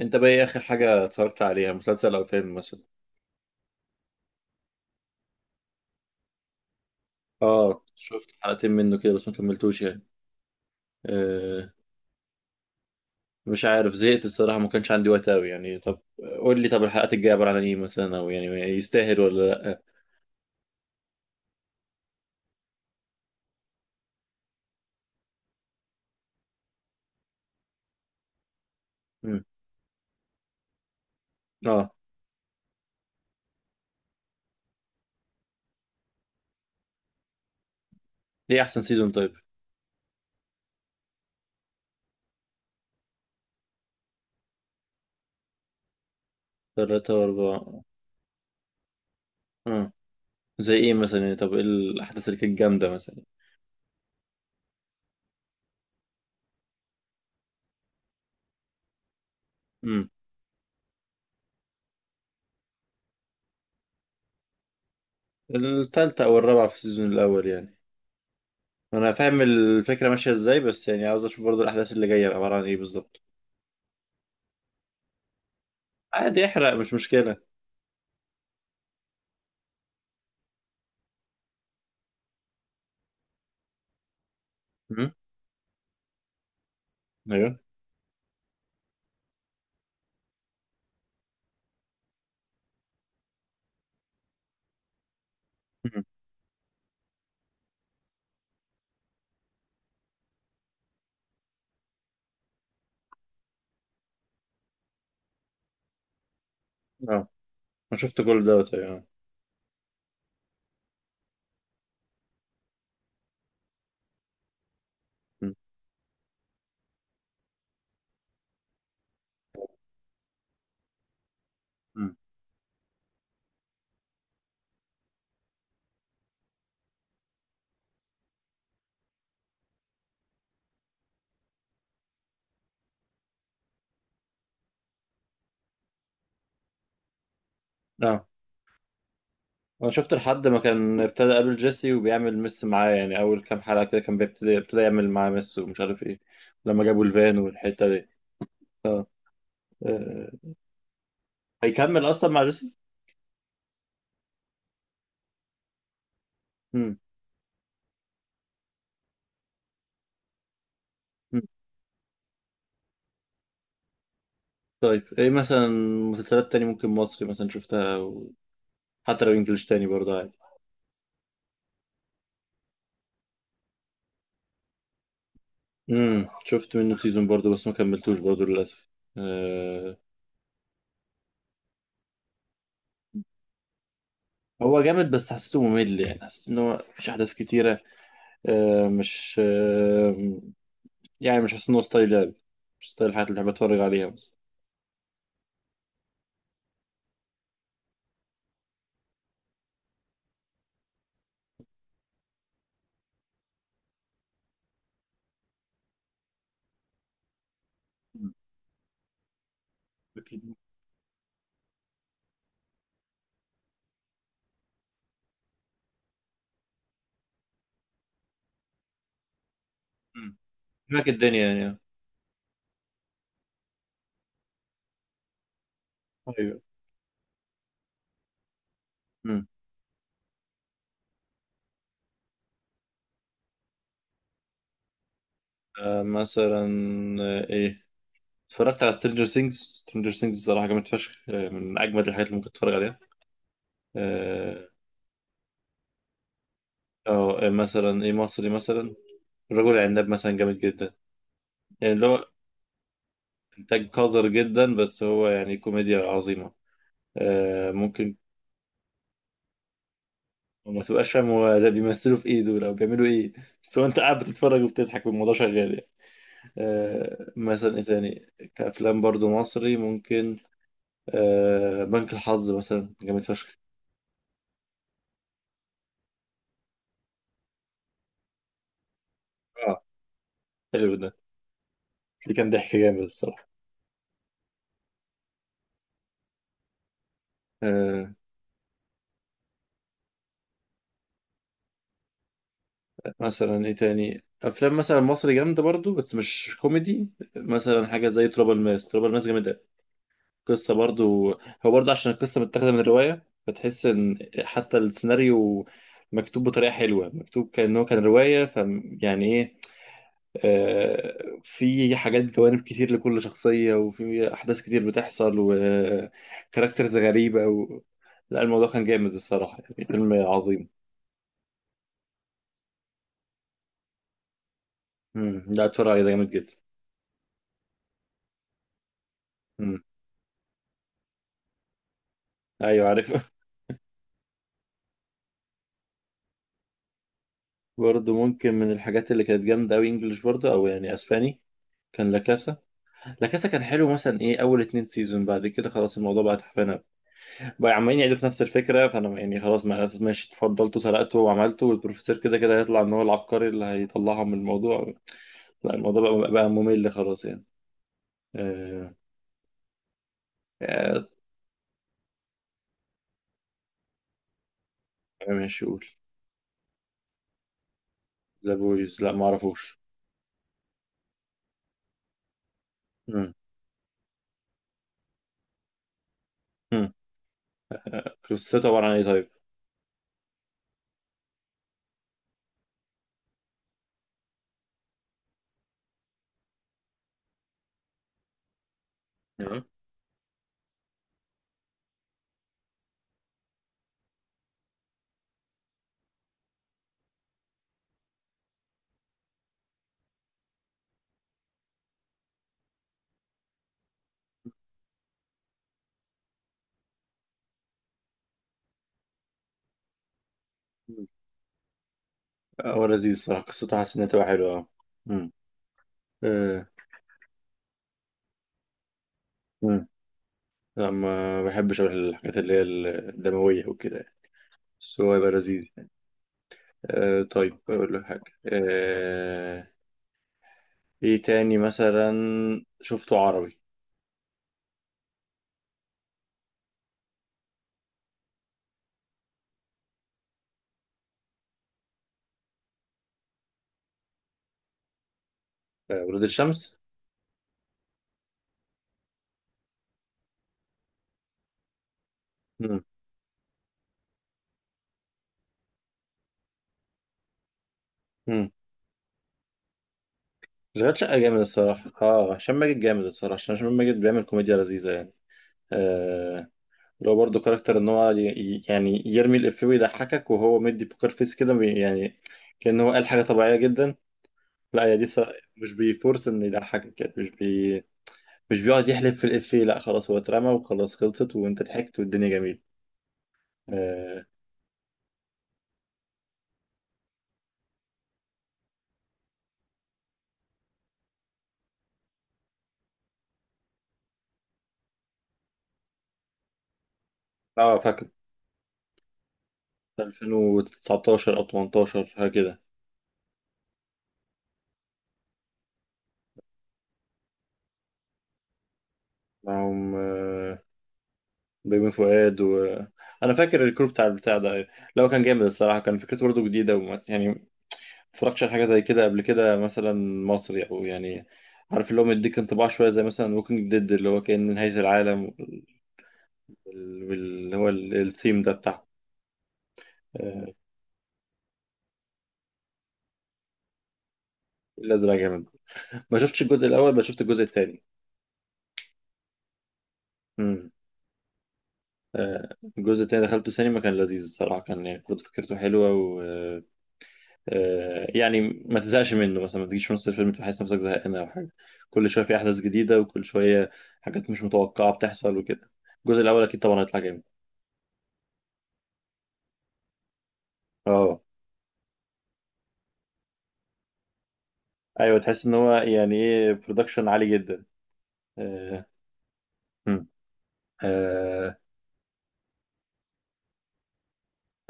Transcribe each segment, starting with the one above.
انت بقى ايه اخر حاجة اتفرجت عليها، مسلسل او فيلم مثلا؟ اه، شفت حلقتين منه كده بس ما كملتوش يعني. أه. مش عارف، زهقت الصراحة، ما كانش عندي وقت قوي يعني. طب قول لي، طب الحلقات الجاية عبارة عن ايه مثلا، او يعني يستاهل ولا لا؟ مم. اه. ايه احسن سيزون طيب؟ ثلاثة واربعة. اه. زي ايه مثلا يعني؟ طب ايه الاحداث اللي كانت جامدة مثلا؟ امم. التالتة او الرابعة في السيزون الاول يعني. انا فاهم الفكرة ماشية ازاي، بس يعني عاوز اشوف برضو الاحداث اللي جاية عبارة عن ايه بالظبط. عادي، احرق، مش مشكلة. ايوه. مم. اه، انا شفت كل دوت. ايوه. مم. مم. اه، انا شفت لحد ما كان ابتدى قابل جيسي وبيعمل مس معاه، يعني اول كام حلقة كده كان بيبتدي ابتدى يعمل معاه مس ومش عارف ايه، لما جابوا الفان والحتة دي. اه. آه. هيكمل اصلا مع جيسي؟ مم. مم. طيب ايه مثلا؟ مسلسلات تاني ممكن، مصري مثلا شفتها و... حتى لو انجلش تاني برضه عادي. شفت منه سيزون برضه بس ما كملتوش برضه للاسف. آه. هو جامد بس حسيته ممل، يعني حسيت ان هو مفيش احداث كتيرة. مش يعني مش حاسس إن هو ستايل لعب. مش ستايل الحاجات اللي بحب أتفرج عليها مثلا. مم. أكيد. مم. هناك الدنيا يعني. أيوه. مم. مثلا إيه، اتفرجت على سترينجر سينجز سترينجر سينجز، الصراحة جامد فشخ، من أجمد الحاجات اللي ممكن تتفرج عليها. أه. أو مثلا إيه مصري مثلا؟ الرجل العناب مثلا جامد جدا. يعني اللي هو، إنتاج قذر جدا بس هو يعني كوميديا عظيمة. ممكن. وما تبقاش فاهم هو ده بيمثلوا في ايه دول او بيعملوا ايه، بس هو انت قاعد بتتفرج وبتضحك والموضوع شغال يعني. مثلا ايه تاني؟ كافلام برضو مصري ممكن، بنك الحظ مثلا جامد فشخ. اه، حلو ده. دي كان ضحك جامد الصراحه. آه مثلا ايه تاني افلام مثلا مصري جامده برضو بس مش كوميدي؟ مثلا حاجه زي تراب الماس، تراب الماس جامد. قصة برضو، هو برضو عشان القصة متاخدة من الرواية فتحس إن حتى السيناريو مكتوب بطريقة حلوة، مكتوب كأنه كان رواية ف... يعني إيه، في حاجات، جوانب كتير لكل شخصية، وفي أحداث كتير بتحصل وكاركترز غريبة و... لا الموضوع كان جامد الصراحة يعني، فيلم عظيم. مم. لا اتفرج عليه، ده جامد جدا. مم. أيوة عارف. برضو ممكن من الحاجات اللي كانت جامدة أوي إنجلش برضو، أو يعني أسباني، كان لا كاسا. لا كاسا كان حلو، مثلا ايه، اول اتنين سيزون، بعد كده خلاص الموضوع بقى تعبان أوي. بقى عمالين يعيدوا في نفس الفكره، فانا يعني خلاص، ما ماشي، اتفضلتوا سرقتوا وعملتوا، والبروفيسور كده كده هيطلع ان هو العبقري اللي هيطلعهم من الموضوع. لا الموضوع بقى ممل خلاص يعني. آه... آه... ماشي، قول. ذا بويز، لا ما اعرفوش. مم. مم. قصته عباره عن ايه طيب؟ أه. مم. هو لذيذ الصراحه، قصته حاسس انها تبقى حلوه. اه. مم. آه. مم. لا ما بحبش الحاجات اللي هي الدمويه وكده يعني. بس هو يبقى لذيذ. طيب أقول لك حاجة، إيه تاني مثلا؟ شفته عربي؟ ولاد الشمس. مم. مم. اشغال شقة جامد الصراحة، هشام ماجد جامد الصراحة، عشان هشام ماجد بيعمل كوميديا لذيذة يعني. آه لو برضه كاركتر إن هو يعني يرمي الإفيه ويضحكك وهو مدي بوكر فيس كده يعني كأنه هو قال حاجة طبيعية جدا. لا يا دي الصراحة، مش بيفورس إن يضحكك، يعني مش بيقعد يحلب في الإفيه، لا خلاص، هو اترمى وخلاص، خلصت وأنت ضحكت والدنيا جميلة. آه. اه فاكر. 2019 او 18 هكذا. معاهم آه، بيومي فؤاد و... انا فاكر الكروب بتاع البتاع ده، لو كان جامد الصراحه، كان فكرته برضه جديده، وما يعني ما اتفرجتش على حاجه زي كده قبل كده مثلا، مصري او يعني، عارف اللي هو مديك انطباع شويه زي مثلا ووكينج ديد اللي هو كان نهايه العالم، الثيم ده بتاع... آه، الازرق جامد. ما شفتش الجزء الاول بس شفت الجزء الثاني. امم. آه، الجزء التاني دخلته سينما، كان لذيذ الصراحة، كان يعني برضه فكرته حلوة، يعني ما تزهقش منه مثلا، ما تجيش في نص الفيلم تحس نفسك زهقان او حاجه، كل شويه في احداث جديده، وكل شويه حاجات مش متوقعه بتحصل وكده. الجزء الاول اكيد طبعا هيطلع جامد. اه. ايوه تحس ان هو يعني ايه، برودكشن عالي جدا. آه. هم. آه.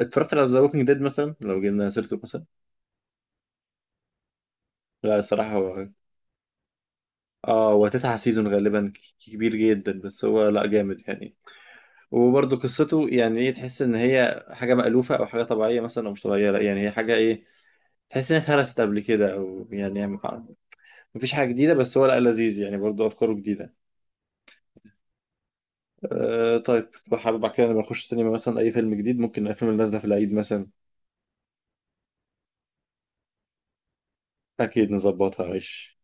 اتفرجت على ذا ووكينج ديد مثلا؟ لو جبنا سيرته مثلا، لا الصراحه هو، اه هو تسعة سيزون غالبا، كبير جدا بس هو لا جامد يعني، وبرضه قصته يعني ايه، تحس ان هي حاجه مألوفه او حاجه طبيعيه مثلا او مش طبيعيه، لا يعني هي حاجه ايه، تحس انها اتهرست قبل كده او يعني مفيش حاجه جديده، بس هو لا لذيذ يعني برضه افكاره جديده. طيب حابب بعد كده لما نخش السينما مثلا اي فيلم جديد، ممكن الافلام اللي نازله في العيد مثلا. اكيد نظبطها عيش.